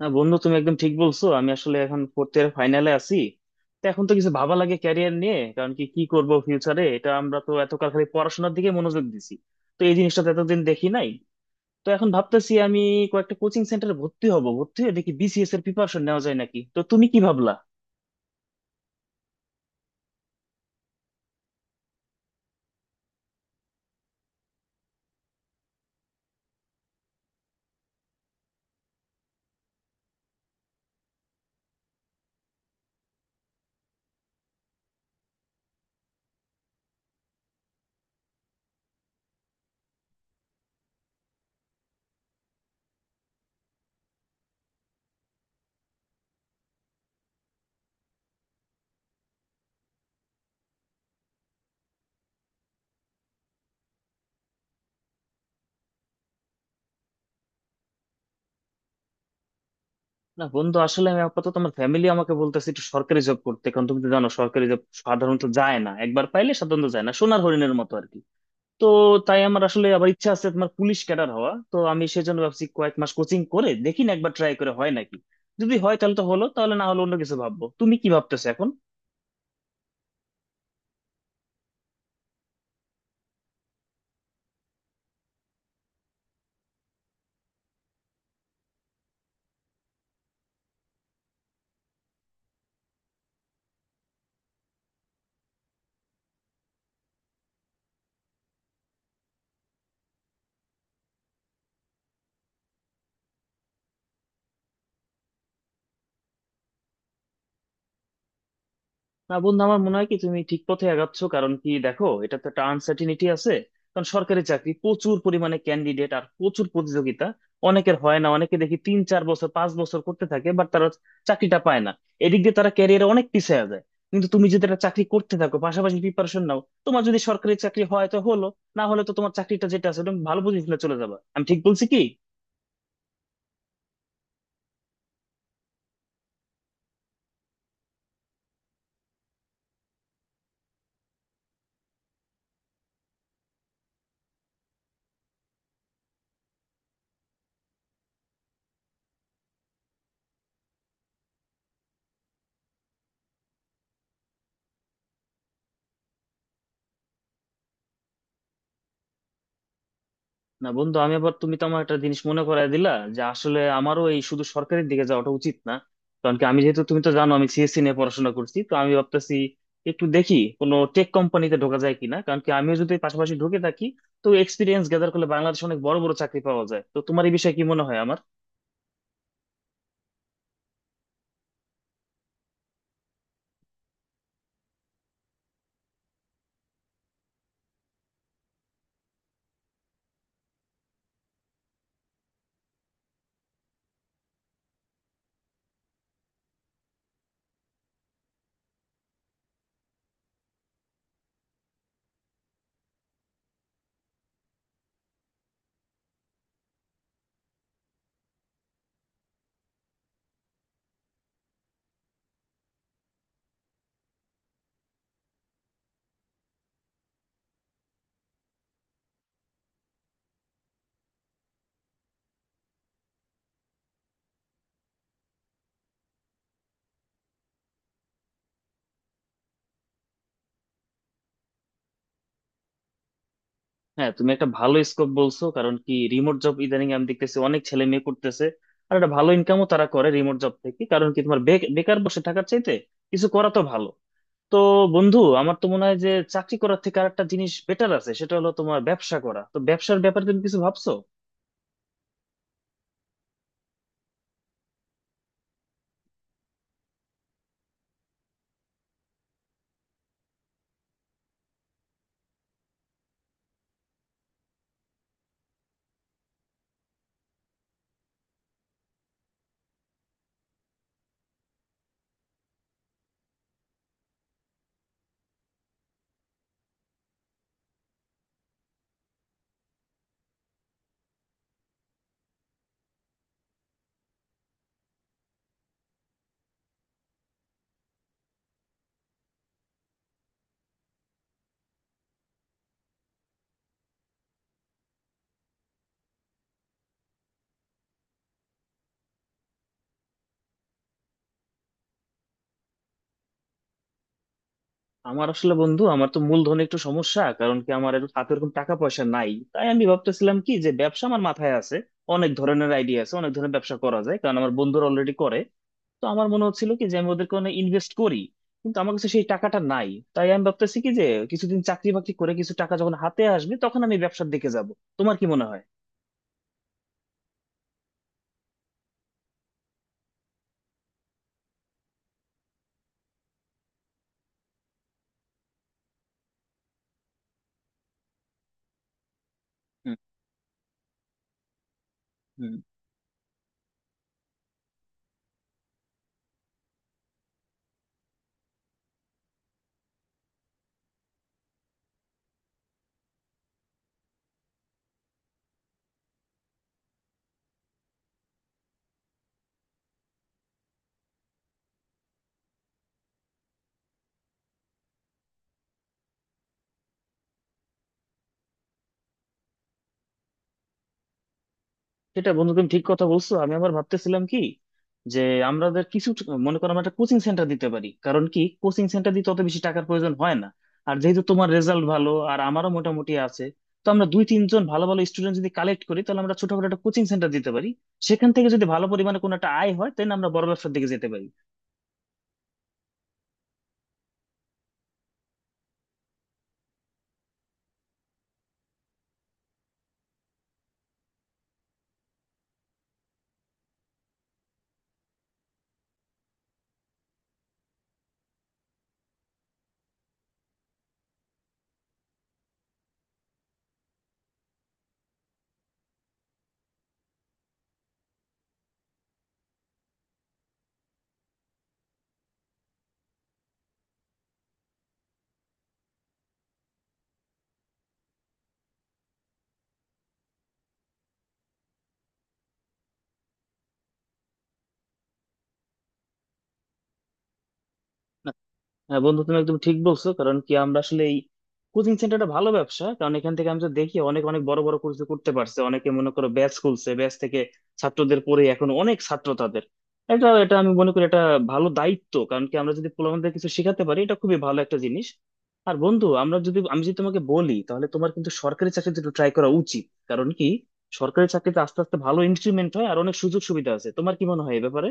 না বন্ধু, তুমি একদম ঠিক বলছো। আমি আসলে এখন ফোর্থ ইয়ার ফাইনালে আছি। তো এখন তো কিছু ভাবা লাগে ক্যারিয়ার নিয়ে। কারণ কি কি করব ফিউচারে, এটা আমরা তো এতকাল খালি পড়াশোনার দিকে মনোযোগ দিছি। তো এই জিনিসটা তো এতদিন দেখি নাই। তো এখন ভাবতেছি আমি কয়েকটা কোচিং সেন্টারে ভর্তি হব, ভর্তি হয়ে দেখি বিসিএস এর প্রিপারেশন নেওয়া যায় নাকি। তো তুমি কি ভাবলা? না বন্ধু, আসলে আমি আপাতত আমার ফ্যামিলি আমাকে বলতেছে একটু সরকারি জব করতে, কারণ তুমি তো জানো সরকারি জব সাধারণত যায় না, একবার পাইলে সাধারণত যায় না, সোনার হরিণের মতো আর কি। তো তাই আমার আসলে আবার ইচ্ছা আছে তোমার পুলিশ ক্যাডার হওয়া। তো আমি সেজন্য ভাবছি কয়েক মাস কোচিং করে দেখি, না একবার ট্রাই করে হয় নাকি। যদি হয় তাহলে তো হলো, তাহলে না হলে অন্য কিছু ভাববো। তুমি কি ভাবতেছো এখন? না বন্ধু, আমার মনে হয় কি তুমি ঠিক পথে আগাচ্ছ। কারণ কি দেখো, এটা তো একটা আনসার্টিনিটি আছে। কারণ সরকারি চাকরি প্রচুর পরিমাণে ক্যান্ডিডেট আর প্রচুর প্রতিযোগিতা। অনেকের হয় না, অনেকে দেখি তিন চার বছর 5 বছর করতে থাকে, বাট তারা চাকরিটা পায় না। এদিক দিয়ে তারা ক্যারিয়ারে অনেক পিছিয়ে যায়। কিন্তু তুমি যদি একটা চাকরি করতে থাকো, পাশাপাশি প্রিপারেশন নাও, তোমার যদি সরকারি চাকরি হয় তো হলো, না হলে তো তোমার চাকরিটা যেটা আছে তুমি ভালো পজিশনে চলে যাবে। আমি ঠিক বলছি কি? না বন্ধু, আমি আবার, তুমি তো আমার একটা জিনিস মনে করায় দিলা যে আসলে আমারও এই শুধু সরকারের দিকে যাওয়াটা উচিত না। কারণ কি আমি যেহেতু, তুমি তো জানো আমি সিএসসি নিয়ে পড়াশোনা করছি, তো আমি ভাবতেছি একটু দেখি কোনো টেক কোম্পানিতে ঢোকা যায় কিনা। কারণ কি আমিও যদি পাশাপাশি ঢুকে থাকি, তো এক্সপিরিয়েন্স গ্যাদার করলে বাংলাদেশে অনেক বড় বড় চাকরি পাওয়া যায়। তো তোমার এই বিষয়ে কি মনে হয় আমার? হ্যাঁ, তুমি একটা ভালো স্কোপ বলছো। কারণ কি রিমোট জব ইদানিং আমি দেখতেছি অনেক ছেলে মেয়ে করতেছে। আর একটা ভালো ইনকামও তারা করে রিমোট জব থেকে। কারণ কি তোমার বেকার বসে থাকার চাইতে কিছু করা তো ভালো। তো বন্ধু আমার তো মনে হয় যে চাকরি করার থেকে আরেকটা জিনিস বেটার আছে, সেটা হলো তোমার ব্যবসা করা। তো ব্যবসার ব্যাপারে তুমি কিছু ভাবছো? আমার আসলে বন্ধু আমার তো মূলধনে একটু সমস্যা। কারণ কি আমার হাতে এরকম টাকা পয়সা নাই। তাই আমি ভাবতেছিলাম কি যে ব্যবসা আমার মাথায় আছে, অনেক ধরনের আইডিয়া আছে, অনেক ধরনের ব্যবসা করা যায়, কারণ আমার বন্ধুরা অলরেডি করে। তো আমার মনে হচ্ছিল কি যে আমি ওদেরকে অনেক ইনভেস্ট করি, কিন্তু আমার কাছে সেই টাকাটা নাই। তাই আমি ভাবতেছি কি যে কিছুদিন চাকরি বাকরি করে কিছু টাকা যখন হাতে আসবে তখন আমি ব্যবসার দিকে যাব। তোমার কি মনে হয়? হুম। হুম। সেটা বন্ধু, তুমি ঠিক কথা বলছো। আমি আবার ভাবতেছিলাম কি যে আমাদের মনে করো আমরা একটা কোচিং সেন্টার দিতে পারি। কারণ কি কোচিং সেন্টার দিতে অত বেশি টাকার প্রয়োজন হয় না। আর যেহেতু তোমার রেজাল্ট ভালো আর আমারও মোটামুটি আছে, তো আমরা দুই তিনজন ভালো ভালো স্টুডেন্ট যদি কালেক্ট করি তাহলে আমরা ছোটখাটো একটা কোচিং সেন্টার দিতে পারি। সেখান থেকে যদি ভালো পরিমাণে কোনো একটা আয় হয় তাহলে আমরা বড় ব্যবসার দিকে যেতে পারি। হ্যাঁ বন্ধু, তুমি একদম ঠিক বলছো। কারণ কি আমরা আসলে এই কোচিং সেন্টারটা ভালো ব্যবসা। কারণ এখান থেকে আমি তো দেখি অনেক অনেক বড় বড় কোর্স করতে পারছে অনেকে। মনে করো ব্যাচ খুলছে, ব্যাচ থেকে ছাত্রদের পড়ে এখন অনেক ছাত্র তাদের। এটা এটা আমি মনে করি এটা ভালো দায়িত্ব। কারণ কি আমরা যদি পোলাপানদের কিছু শেখাতে পারি এটা খুবই ভালো একটা জিনিস। আর বন্ধু আমরা যদি, আমি যদি তোমাকে বলি তাহলে তোমার কিন্তু সরকারি চাকরিতে একটু ট্রাই করা উচিত। কারণ কি সরকারি চাকরিতে আস্তে আস্তে ভালো ইনক্রিমেন্ট হয় আর অনেক সুযোগ সুবিধা আছে। তোমার কি মনে হয় এ ব্যাপারে?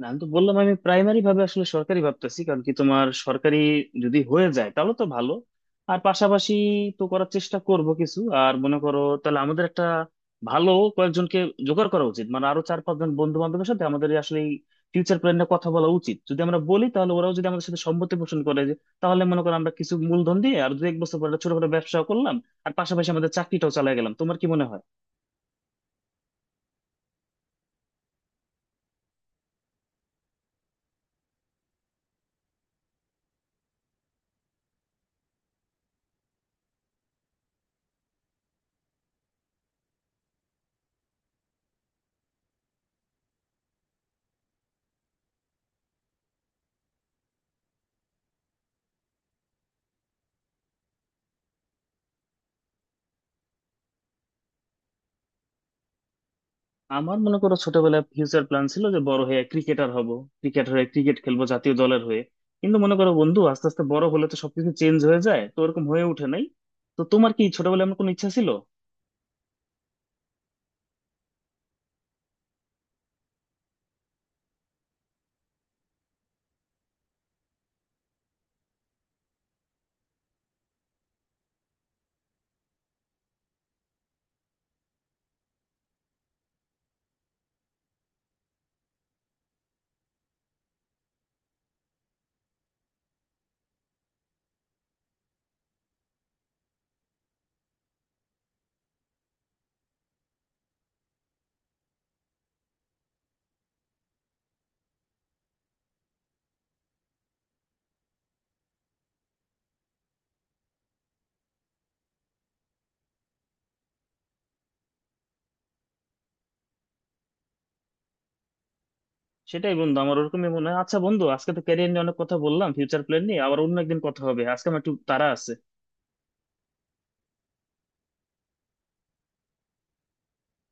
না, আমি তো বললাম আমি প্রাইমারি ভাবে আসলে সরকারি ভাবতেছি। কারণ কি তোমার সরকারি যদি হয়ে যায় তাহলে তো ভালো। আর পাশাপাশি তো করার চেষ্টা করব কিছু। আর মনে করো তাহলে আমাদের একটা ভালো কয়েকজনকে জোগাড় করা উচিত, মানে আরো চার পাঁচজন বন্ধু বান্ধবের সাথে আমাদের আসলে ফিউচার প্ল্যান নিয়ে কথা বলা উচিত। যদি আমরা বলি তাহলে ওরাও যদি আমাদের সাথে সম্মতি পোষণ করে, যে তাহলে মনে করো আমরা কিছু মূলধন দিয়ে আর দু এক বছর পরে একটা ছোটখাটো ব্যবসা করলাম আর পাশাপাশি আমাদের চাকরিটাও চালিয়ে গেলাম। তোমার কি মনে হয়? আমার মনে করো ছোটবেলায় ফিউচার প্ল্যান ছিল যে বড় হয়ে ক্রিকেটার হব, ক্রিকেট হয়ে ক্রিকেট খেলবো জাতীয় দলের হয়ে। কিন্তু মনে করো বন্ধু আস্তে আস্তে বড় হলে তো সবকিছু চেঞ্জ হয়ে যায়, তো ওরকম হয়ে ওঠে নাই। তো তোমার কি ছোটবেলায় এমন কোনো ইচ্ছা ছিল? সেটাই বন্ধু, আমার ওরকমই মনে হয়। আচ্ছা বন্ধু, আজকে তো ক্যারিয়ার নিয়ে অনেক কথা বললাম, ফিউচার প্ল্যান নিয়ে। আবার অন্য একদিন কথা হবে, আজকে আমার একটু তাড়া আছে।